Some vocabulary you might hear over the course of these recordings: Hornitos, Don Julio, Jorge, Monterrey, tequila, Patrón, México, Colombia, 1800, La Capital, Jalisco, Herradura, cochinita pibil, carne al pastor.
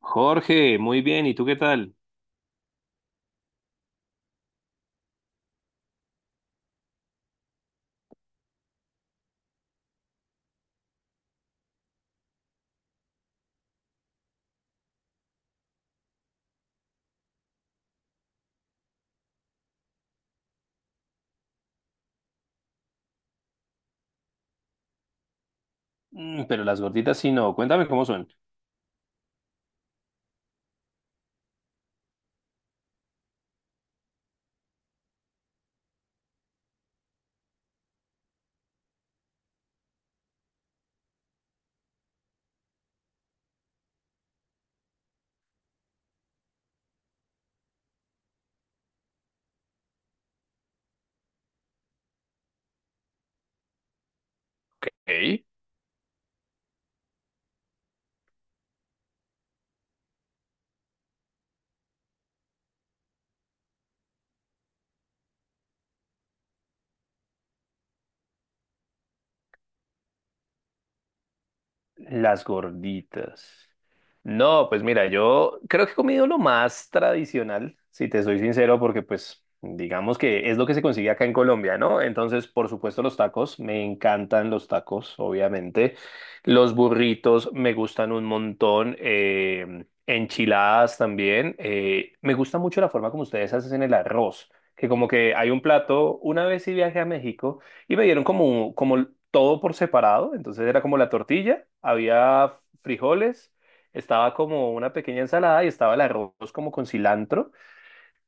Jorge, muy bien, ¿y tú qué tal? Mm, pero las gorditas sí no, cuéntame cómo son. Ok. Las gorditas. No, pues mira, yo creo que he comido lo más tradicional, si te soy sincero, porque pues digamos que es lo que se consigue acá en Colombia, ¿no? Entonces, por supuesto, los tacos, me encantan los tacos, obviamente. Los burritos me gustan un montón. Enchiladas también. Me gusta mucho la forma como ustedes hacen el arroz, que como que hay un plato, una vez sí viajé a México. Y me dieron como, como todo por separado, entonces era como la tortilla, había frijoles, estaba como una pequeña ensalada y estaba el arroz como con cilantro.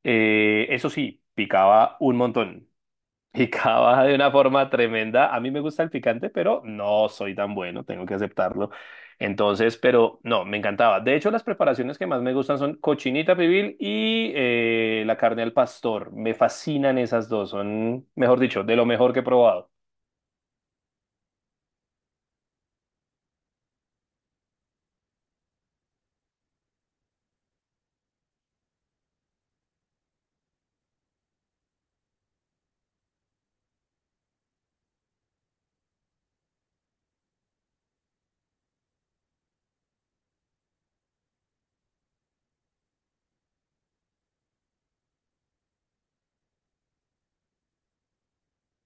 Eso sí, picaba un montón, picaba de una forma tremenda. A mí me gusta el picante, pero no soy tan bueno, tengo que aceptarlo. Entonces, pero no, me encantaba. De hecho, las preparaciones que más me gustan son cochinita pibil y la carne al pastor. Me fascinan esas dos, son, mejor dicho, de lo mejor que he probado.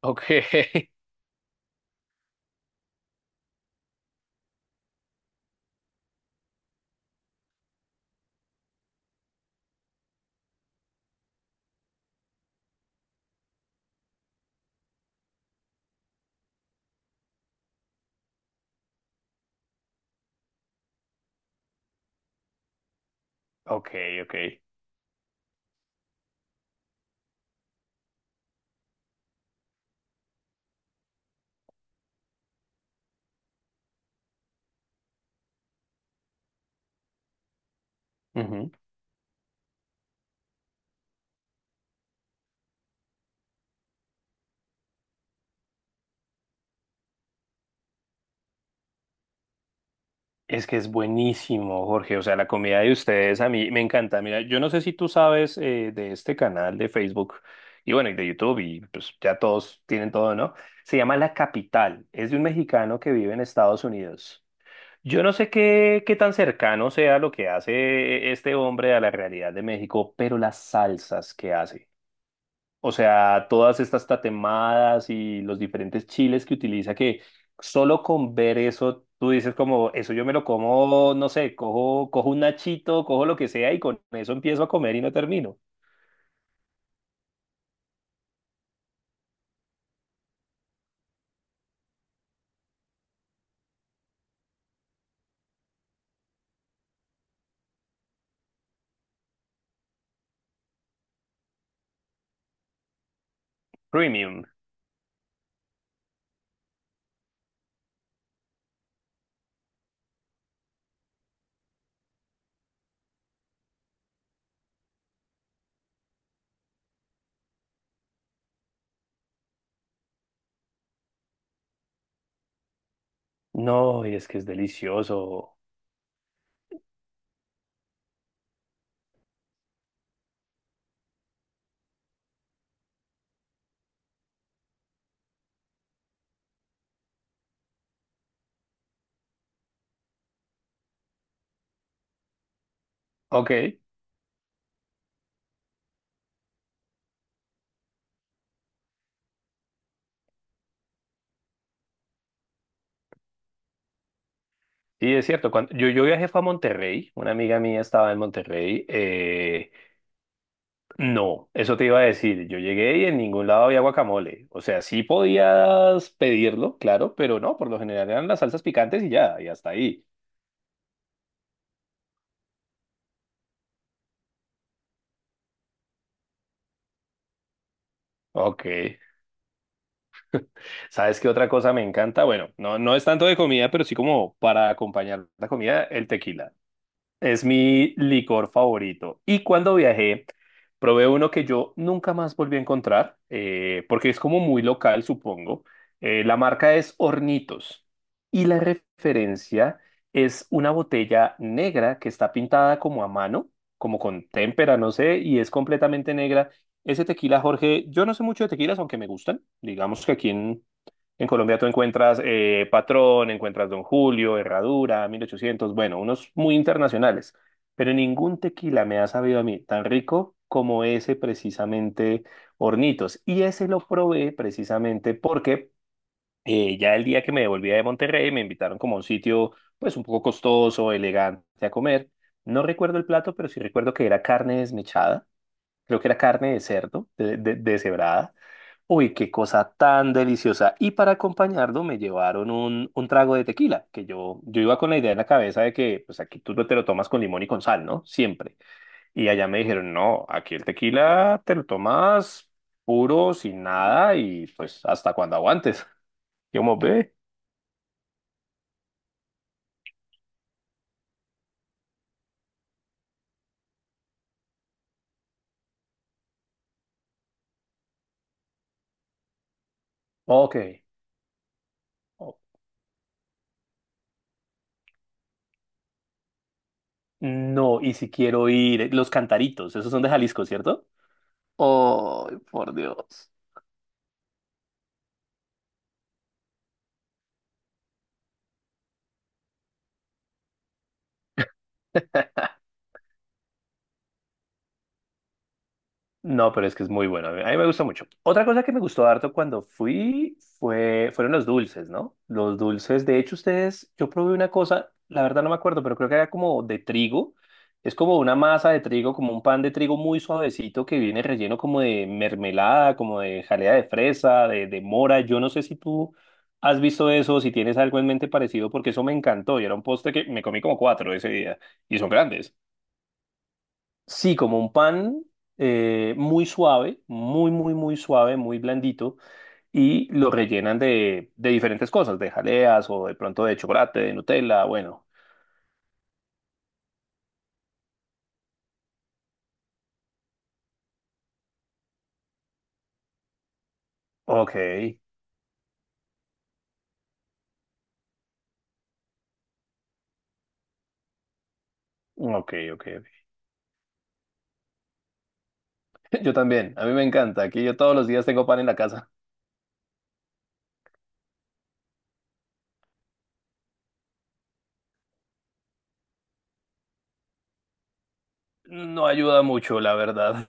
Ok, ok, ok. Ujú. Es que es buenísimo, Jorge. O sea, la comida de ustedes a mí me encanta. Mira, yo no sé si tú sabes de este canal de Facebook y bueno, y de YouTube y pues ya todos tienen todo, ¿no? Se llama La Capital. Es de un mexicano que vive en Estados Unidos. Yo no sé qué, qué tan cercano sea lo que hace este hombre a la realidad de México, pero las salsas que hace. O sea, todas estas tatemadas y los diferentes chiles que utiliza, que solo con ver eso, tú dices como, eso yo me lo como, no sé, cojo un nachito, cojo lo que sea y con eso empiezo a comer y no termino. Premium. No, y es que es delicioso. Ok, sí, es cierto. Cuando, yo viajé fue a Monterrey, una amiga mía estaba en Monterrey. No, eso te iba a decir. Yo llegué y en ningún lado había guacamole. O sea, sí podías pedirlo, claro, pero no, por lo general eran las salsas picantes y ya, y hasta ahí. Ok. ¿Sabes qué otra cosa me encanta? Bueno, no, no es tanto de comida, pero sí como para acompañar la comida, el tequila. Es mi licor favorito. Y cuando viajé, probé uno que yo nunca más volví a encontrar, porque es como muy local, supongo. La marca es Hornitos. Y la referencia es una botella negra que está pintada como a mano, como con témpera, no sé, y es completamente negra. Ese tequila, Jorge, yo no sé mucho de tequilas, aunque me gustan. Digamos que aquí en Colombia tú encuentras Patrón, encuentras Don Julio, Herradura, 1800, bueno, unos muy internacionales, pero ningún tequila me ha sabido a mí tan rico como ese precisamente Hornitos. Y ese lo probé precisamente porque ya el día que me devolvía de Monterrey me invitaron como a un sitio, pues un poco costoso, elegante a comer. No recuerdo el plato, pero sí recuerdo que era carne desmechada, creo que era carne de cerdo, deshebrada. Uy, qué cosa tan deliciosa. Y para acompañarlo me llevaron un trago de tequila, que yo iba con la idea en la cabeza de que pues aquí tú te lo tomas con limón y con sal, ¿no? Siempre. Y allá me dijeron, no, aquí el tequila te lo tomas puro, sin nada y pues hasta cuando aguantes. Yo como, ve. Ok. Oh, no, y si quiero ir, los cantaritos, esos son de Jalisco, ¿cierto? Oh, por Dios. No, pero es que es muy bueno. A mí me gusta mucho. Otra cosa que me gustó harto cuando fui fueron los dulces, ¿no? Los dulces. De hecho, ustedes, yo probé una cosa, la verdad no me acuerdo, pero creo que era como de trigo. Es como una masa de trigo, como un pan de trigo muy suavecito que viene relleno como de mermelada, como de jalea de fresa, de mora. Yo no sé si tú has visto eso, si tienes algo en mente parecido, porque eso me encantó y era un postre que me comí como cuatro ese día y son grandes. Sí, como un pan muy suave, muy suave, muy blandito, y lo rellenan de diferentes cosas, de jaleas o de pronto de chocolate, de Nutella, bueno. Ok, ok, ok, ok. Yo también, a mí me encanta, aquí yo todos los días tengo pan en la casa. No ayuda mucho, la verdad.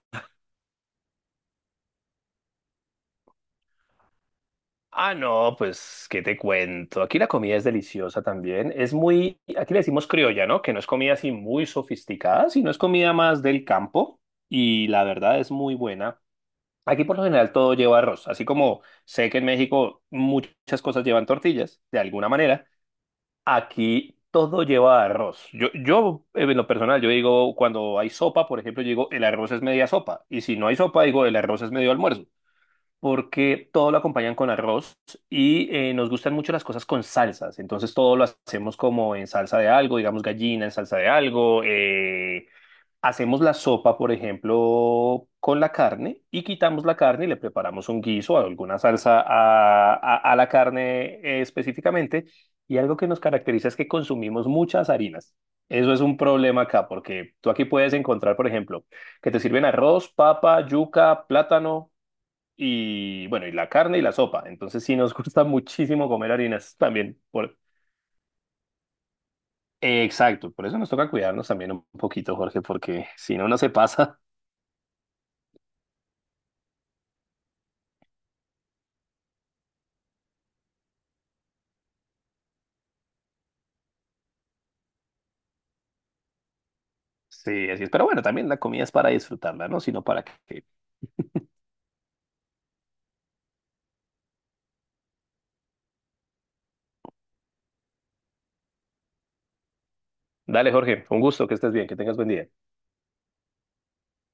Ah, no, pues, ¿qué te cuento? Aquí la comida es deliciosa también. Es muy, aquí le decimos criolla, ¿no? Que no es comida así muy sofisticada, sino es comida más del campo y la verdad es muy buena. Aquí por lo general todo lleva arroz, así como sé que en México muchas cosas llevan tortillas, de alguna manera, aquí todo lleva arroz. Yo en lo personal, yo digo, cuando hay sopa, por ejemplo, yo digo, el arroz es media sopa, y si no hay sopa, digo, el arroz es medio almuerzo, porque todo lo acompañan con arroz y nos gustan mucho las cosas con salsas. Entonces todo lo hacemos como en salsa de algo, digamos gallina en salsa de algo. Hacemos la sopa, por ejemplo, con la carne y quitamos la carne y le preparamos un guiso o alguna salsa a la carne específicamente. Y algo que nos caracteriza es que consumimos muchas harinas. Eso es un problema acá, porque tú aquí puedes encontrar, por ejemplo, que te sirven arroz, papa, yuca, plátano, y bueno, y la carne y la sopa. Entonces sí nos gusta muchísimo comer harinas también. Por... Exacto, por eso nos toca cuidarnos también un poquito, Jorge, porque si no, no se pasa. Sí, así es. Pero bueno, también la comida es para disfrutarla, ¿no? Sino para que... Dale, Jorge, un gusto, que estés bien, que tengas buen día.